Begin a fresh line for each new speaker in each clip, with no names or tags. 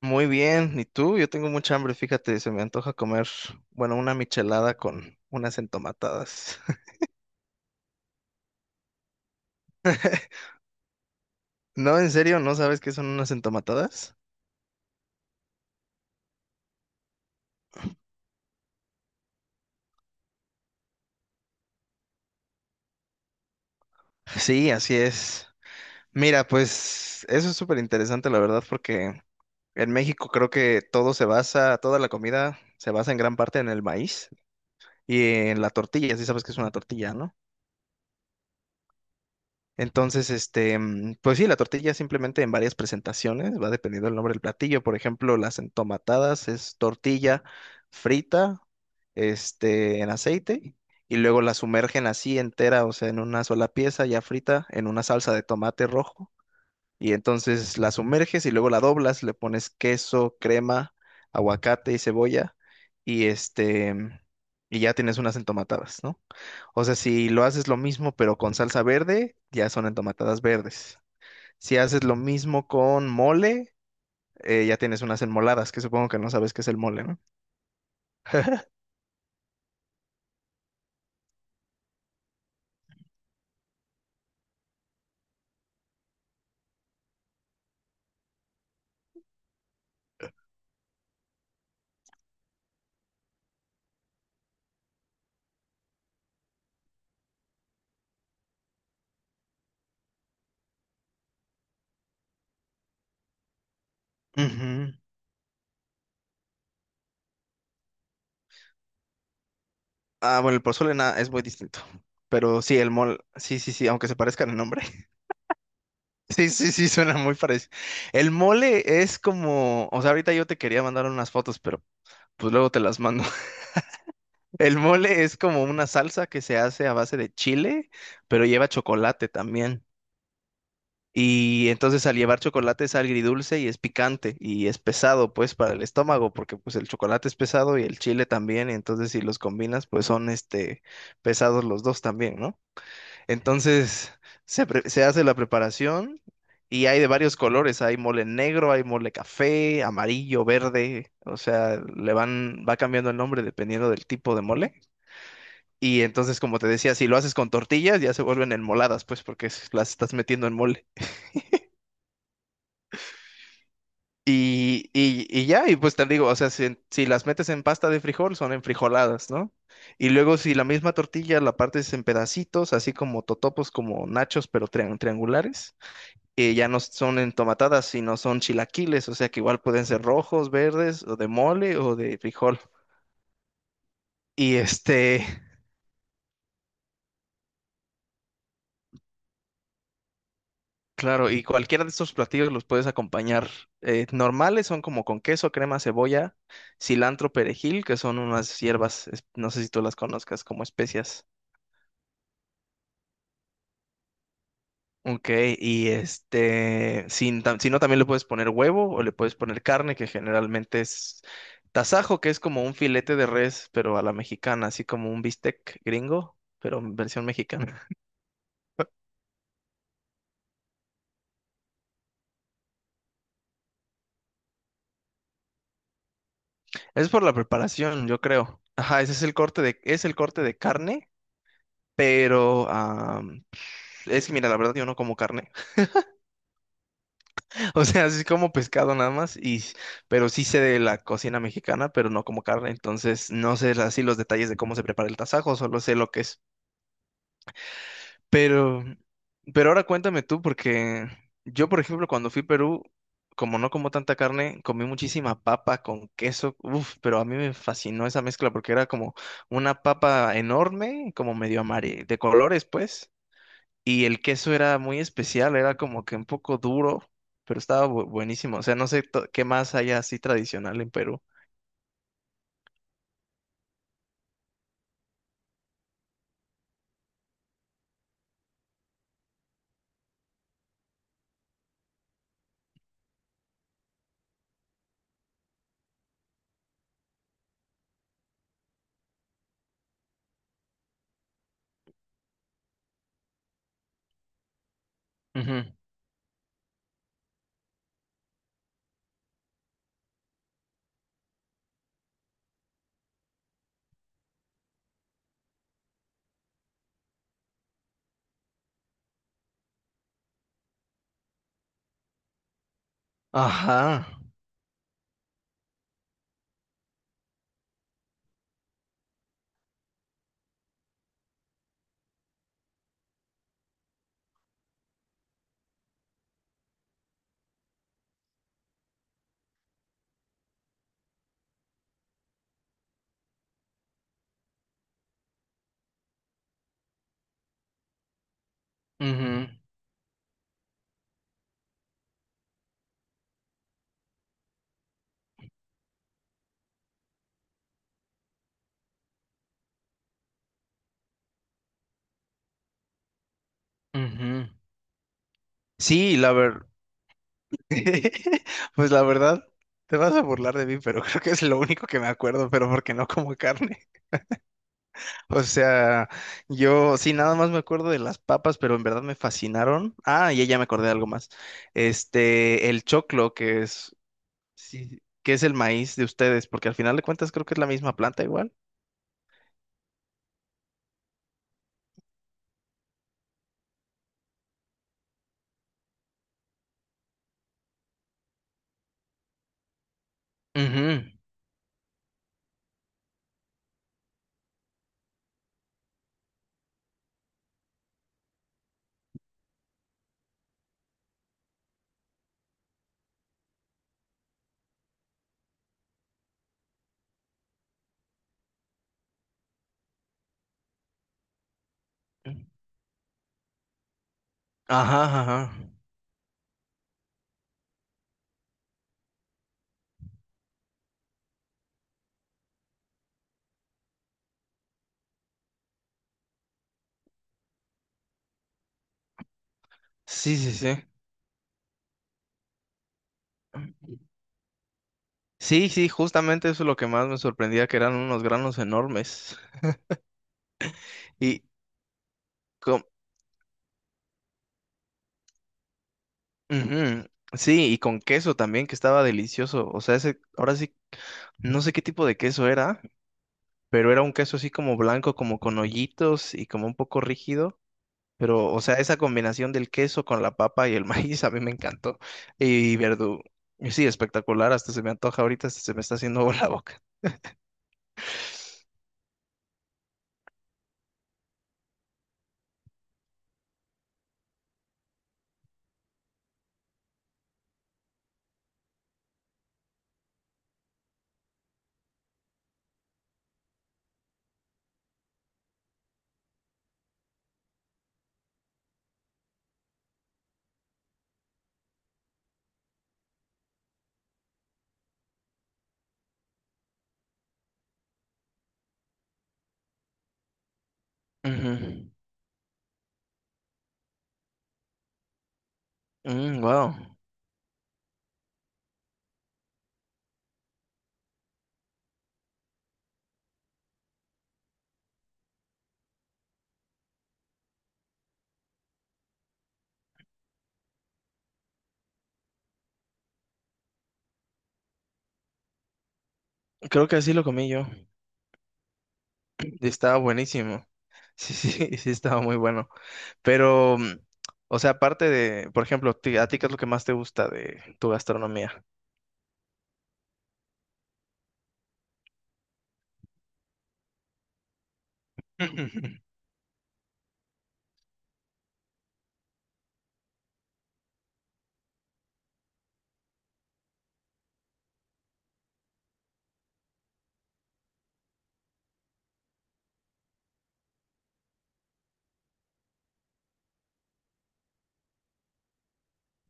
Muy bien, ¿y tú? Yo tengo mucha hambre, fíjate, se me antoja comer, bueno, una michelada con unas entomatadas. No, en serio, ¿no sabes qué son unas entomatadas? Sí, así es. Mira, pues eso es súper interesante, la verdad, porque en México creo que todo se basa, toda la comida se basa en gran parte en el maíz y en la tortilla, sí sabes que es una tortilla, ¿no? Entonces, este, pues sí, la tortilla simplemente en varias presentaciones, va dependiendo del nombre del platillo. Por ejemplo, las entomatadas es tortilla frita, este, en aceite, y luego la sumergen así entera, o sea, en una sola pieza ya frita, en una salsa de tomate rojo. Y entonces la sumerges y luego la doblas, le pones queso, crema, aguacate y cebolla, y este, y ya tienes unas entomatadas, ¿no? O sea, si lo haces lo mismo pero con salsa verde, ya son entomatadas verdes. Si haces lo mismo con mole, ya tienes unas enmoladas, que supongo que no sabes qué es el mole, ¿no? Ujú. Ah, bueno, el pozole nada, es muy distinto. Pero sí, el mole, sí, sí, sí, aunque se parezcan en nombre. Sí, sí, sí, suena muy parecido. El mole es como, o sea, ahorita yo te quería mandar unas fotos, pero pues luego te las mando. El mole es como una salsa que se hace a base de chile, pero lleva chocolate también. Y entonces al llevar chocolate es agridulce y es picante y es pesado pues para el estómago porque pues el chocolate es pesado y el chile también y entonces si los combinas pues son este pesados los dos también, ¿no? Entonces se hace la preparación y hay de varios colores, hay mole negro, hay mole café, amarillo, verde, o sea, le van, va cambiando el nombre dependiendo del tipo de mole. Y entonces, como te decía, si lo haces con tortillas, ya se vuelven enmoladas, pues, porque las estás metiendo en mole. Y ya, y pues te digo, o sea, si las metes en pasta de frijol, son en frijoladas, ¿no? Y luego si la misma tortilla la partes en pedacitos, así como totopos, como nachos, pero triangulares, ya no son entomatadas, sino son chilaquiles, o sea que igual pueden ser rojos, verdes, o de mole, o de frijol. Y este, claro, y cualquiera de estos platillos los puedes acompañar. Normales son como con queso, crema, cebolla, cilantro, perejil, que son unas hierbas, no sé si tú las conozcas como especias. Ok, y este, sin, tam- si no, también le puedes poner huevo o le puedes poner carne, que generalmente es tasajo, que es como un filete de res, pero a la mexicana, así como un bistec gringo, pero en versión mexicana. Es por la preparación, yo creo. Ajá, ese es el corte de, es el corte de carne, pero es que mira, la verdad yo no como carne. O sea, sí como pescado nada más, y, pero sí sé de la cocina mexicana, pero no como carne. Entonces, no sé así los detalles de cómo se prepara el tasajo, solo sé lo que es. Pero, pero ahora cuéntame tú, porque yo, por ejemplo, cuando fui a Perú, como no como tanta carne, comí muchísima papa con queso, uf, pero a mí me fascinó esa mezcla porque era como una papa enorme, como medio amarilla, de colores, pues, y el queso era muy especial, era como que un poco duro, pero estaba buenísimo. O sea, no sé qué más hay así tradicional en Perú. Ujú. Ajá. Ujú, ujú. Sí, la verdad. Pues la verdad, te vas a burlar de mí, pero creo que es lo único que me acuerdo, pero porque no como carne. O sea, yo sí, nada más me acuerdo de las papas, pero en verdad me fascinaron. Ah, y ya me acordé de algo más. Este, el choclo, que es, sí, que es el maíz de ustedes, porque al final de cuentas creo que es la misma planta igual. Ujú. Ajá, ajá. Sí, sí, sí. Sí, sí, justamente eso es lo que más me sorprendía, que eran unos granos enormes. Y, co- ujú, sí, y con queso también, que estaba delicioso. O sea, ese, ahora sí, no sé qué tipo de queso era, pero era un queso así como blanco, como con hoyitos y como un poco rígido. Pero, o sea, esa combinación del queso con la papa y el maíz a mí me encantó. Y verdú. Y sí, espectacular, hasta se me antoja ahorita, hasta se me está haciendo agua la boca. Ujú. Mm, wow, creo que así lo comí yo. Y estaba buenísimo. Sí, sí, sí, estaba muy bueno. Pero, o sea, aparte de, por ejemplo, ¿a ti qué es lo que más te gusta de tu gastronomía?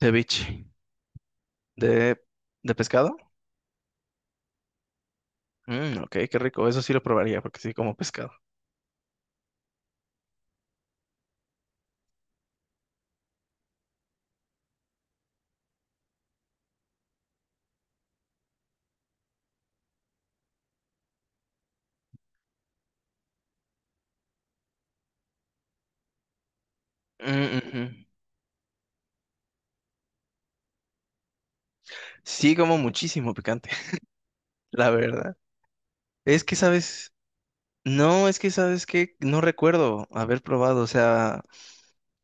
Ceviche. ¿De, de pescado? Mm, ok, qué rico. Eso sí lo probaría porque sí como pescado. Mm, ujú. Sí como muchísimo picante, la verdad. Es que, ¿sabes? No, es que, ¿sabes que no recuerdo haber probado? O sea,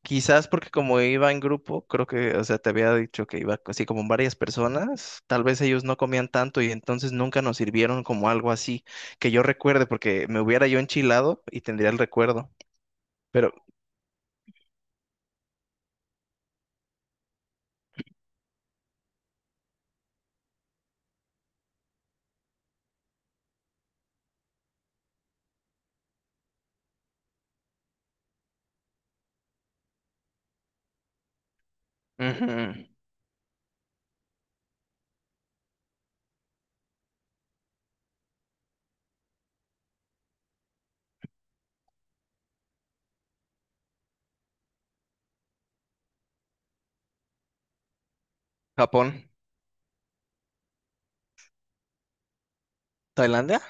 quizás porque como iba en grupo, creo que, o sea, te había dicho que iba así como varias personas, tal vez ellos no comían tanto y entonces nunca nos sirvieron como algo así, que yo recuerde, porque me hubiera yo enchilado y tendría el recuerdo. Pero, ujú, Japón, Tailandia.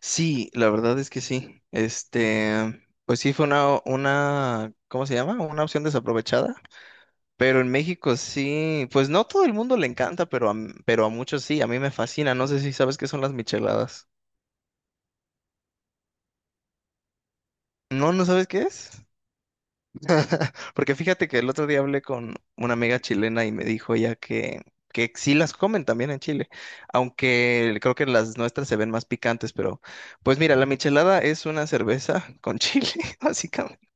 Sí, la verdad es que sí. Este, pues sí fue una, ¿cómo se llama? Una opción desaprovechada. Pero en México sí, pues no todo el mundo le encanta, pero pero a muchos sí, a mí me fascina. No sé si sabes qué son las micheladas. No, ¿no sabes qué es? Porque fíjate que el otro día hablé con una amiga chilena y me dijo ella que sí las comen también en Chile, aunque creo que las nuestras se ven más picantes, pero pues mira, la michelada es una cerveza con chile, básicamente.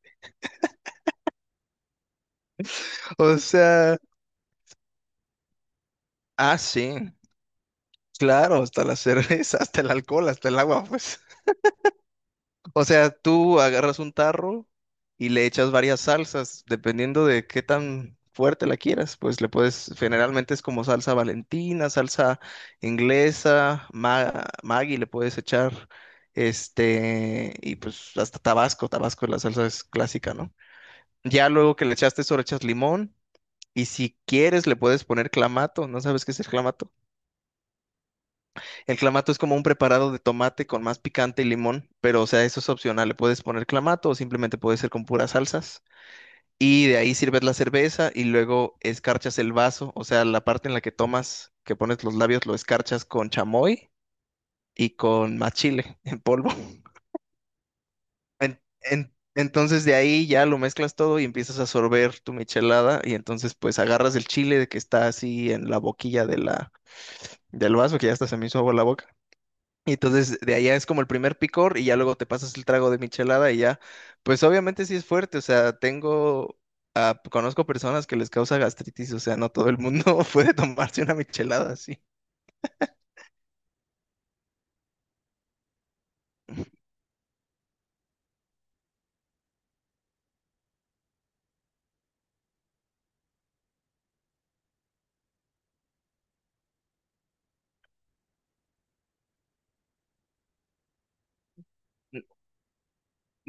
O sea, ah, sí, claro, hasta la cerveza, hasta el alcohol, hasta el agua, pues. O sea, tú agarras un tarro y le echas varias salsas, dependiendo de qué tan fuerte la quieras. Pues le puedes, generalmente es como salsa valentina, salsa inglesa, Maggi le puedes echar, este, y pues hasta Tabasco, Tabasco la salsa es clásica, ¿no? Ya luego que le echaste eso, le echas limón y si quieres le puedes poner clamato, ¿no sabes qué es el clamato? El clamato es como un preparado de tomate con más picante y limón, pero o sea, eso es opcional. Le puedes poner clamato o simplemente puede ser con puras salsas. Y de ahí sirves la cerveza y luego escarchas el vaso, o sea, la parte en la que tomas, que pones los labios, lo escarchas con chamoy y con más chile en polvo. Entonces de ahí ya lo mezclas todo y empiezas a sorber tu michelada y entonces pues agarras el chile de que está así en la boquilla de la, del vaso, que ya hasta se me hizo agua la boca. Y entonces de allá es como el primer picor y ya luego te pasas el trago de michelada y ya, pues obviamente sí es fuerte, o sea, tengo, conozco personas que les causa gastritis, o sea, no todo el mundo puede tomarse una michelada así.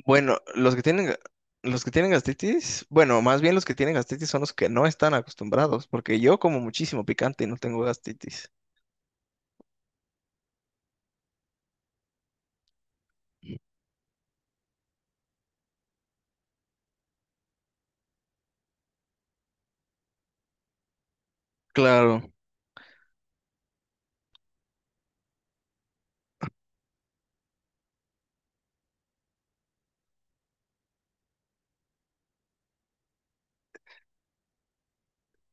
Bueno, los que tienen, los que tienen gastritis, bueno, más bien los que tienen gastritis son los que no están acostumbrados, porque yo como muchísimo picante y no tengo gastritis. Claro.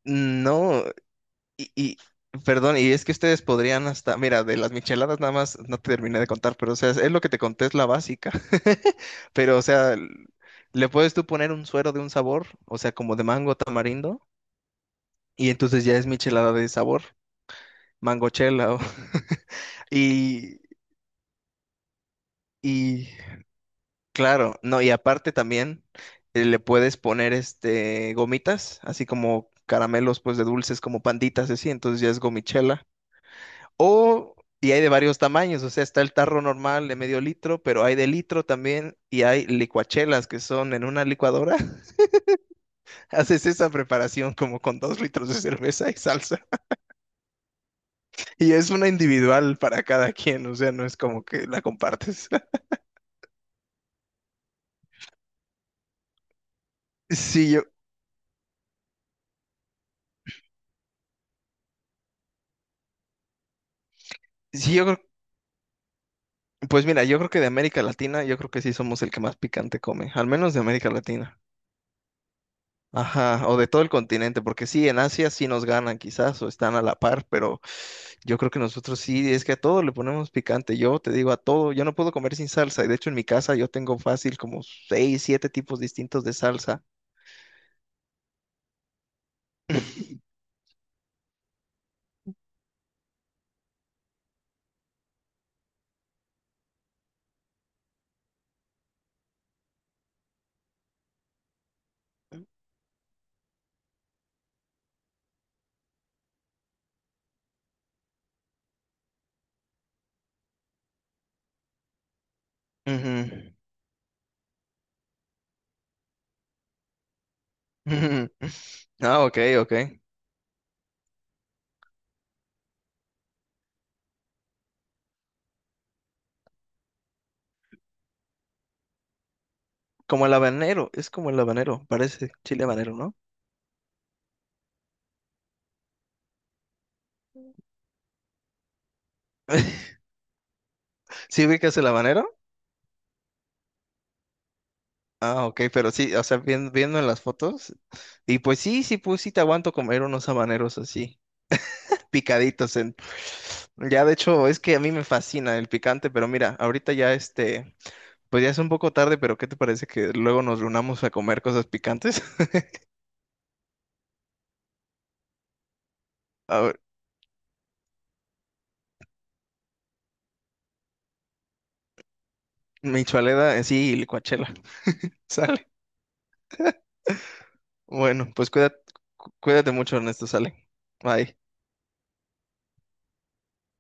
No, Y, y, perdón, y es que ustedes podrían hasta, mira, de las micheladas nada más no te terminé de contar, pero o sea, es lo que te conté, es la básica. Pero o sea, le puedes tú poner un suero de un sabor, o sea, como de mango tamarindo, y entonces ya es michelada de sabor, mangochela. Y, y claro, no, y aparte también le puedes poner este gomitas, así como caramelos pues de dulces como panditas, así, entonces ya es gomichela. O, y hay de varios tamaños, o sea, está el tarro normal de medio litro, pero hay de litro también y hay licuachelas que son en una licuadora. Haces esa preparación como con 2 litros de cerveza y salsa. Y es una individual para cada quien, o sea, no es como que la compartes. Sí, yo, sí, yo creo, pues mira, yo creo que de América Latina, yo creo que sí somos el que más picante come, al menos de América Latina. Ajá, o de todo el continente, porque sí, en Asia sí nos ganan quizás, o están a la par, pero yo creo que nosotros sí, es que a todo le ponemos picante. Yo te digo, a todo, yo no puedo comer sin salsa, y de hecho en mi casa yo tengo fácil como seis, siete tipos distintos de salsa. Ujú. Ujú. Ah, ok, ok. Como el habanero, es como el habanero, parece chile habanero, ¿no? ¿Sí ubicas el habanero? Ah, ok, pero sí, o sea, viendo en las fotos, y pues sí, sí, pues sí te aguanto comer unos habaneros así. Picaditos en... Ya, de hecho, es que a mí me fascina el picante, pero mira, ahorita ya este, pues ya es un poco tarde, pero ¿qué te parece que luego nos reunamos a comer cosas picantes? A ver, michoaleda, sí, y licuachela. Sale. Bueno, pues cuídate, cuídate mucho, Ernesto, sale. Bye.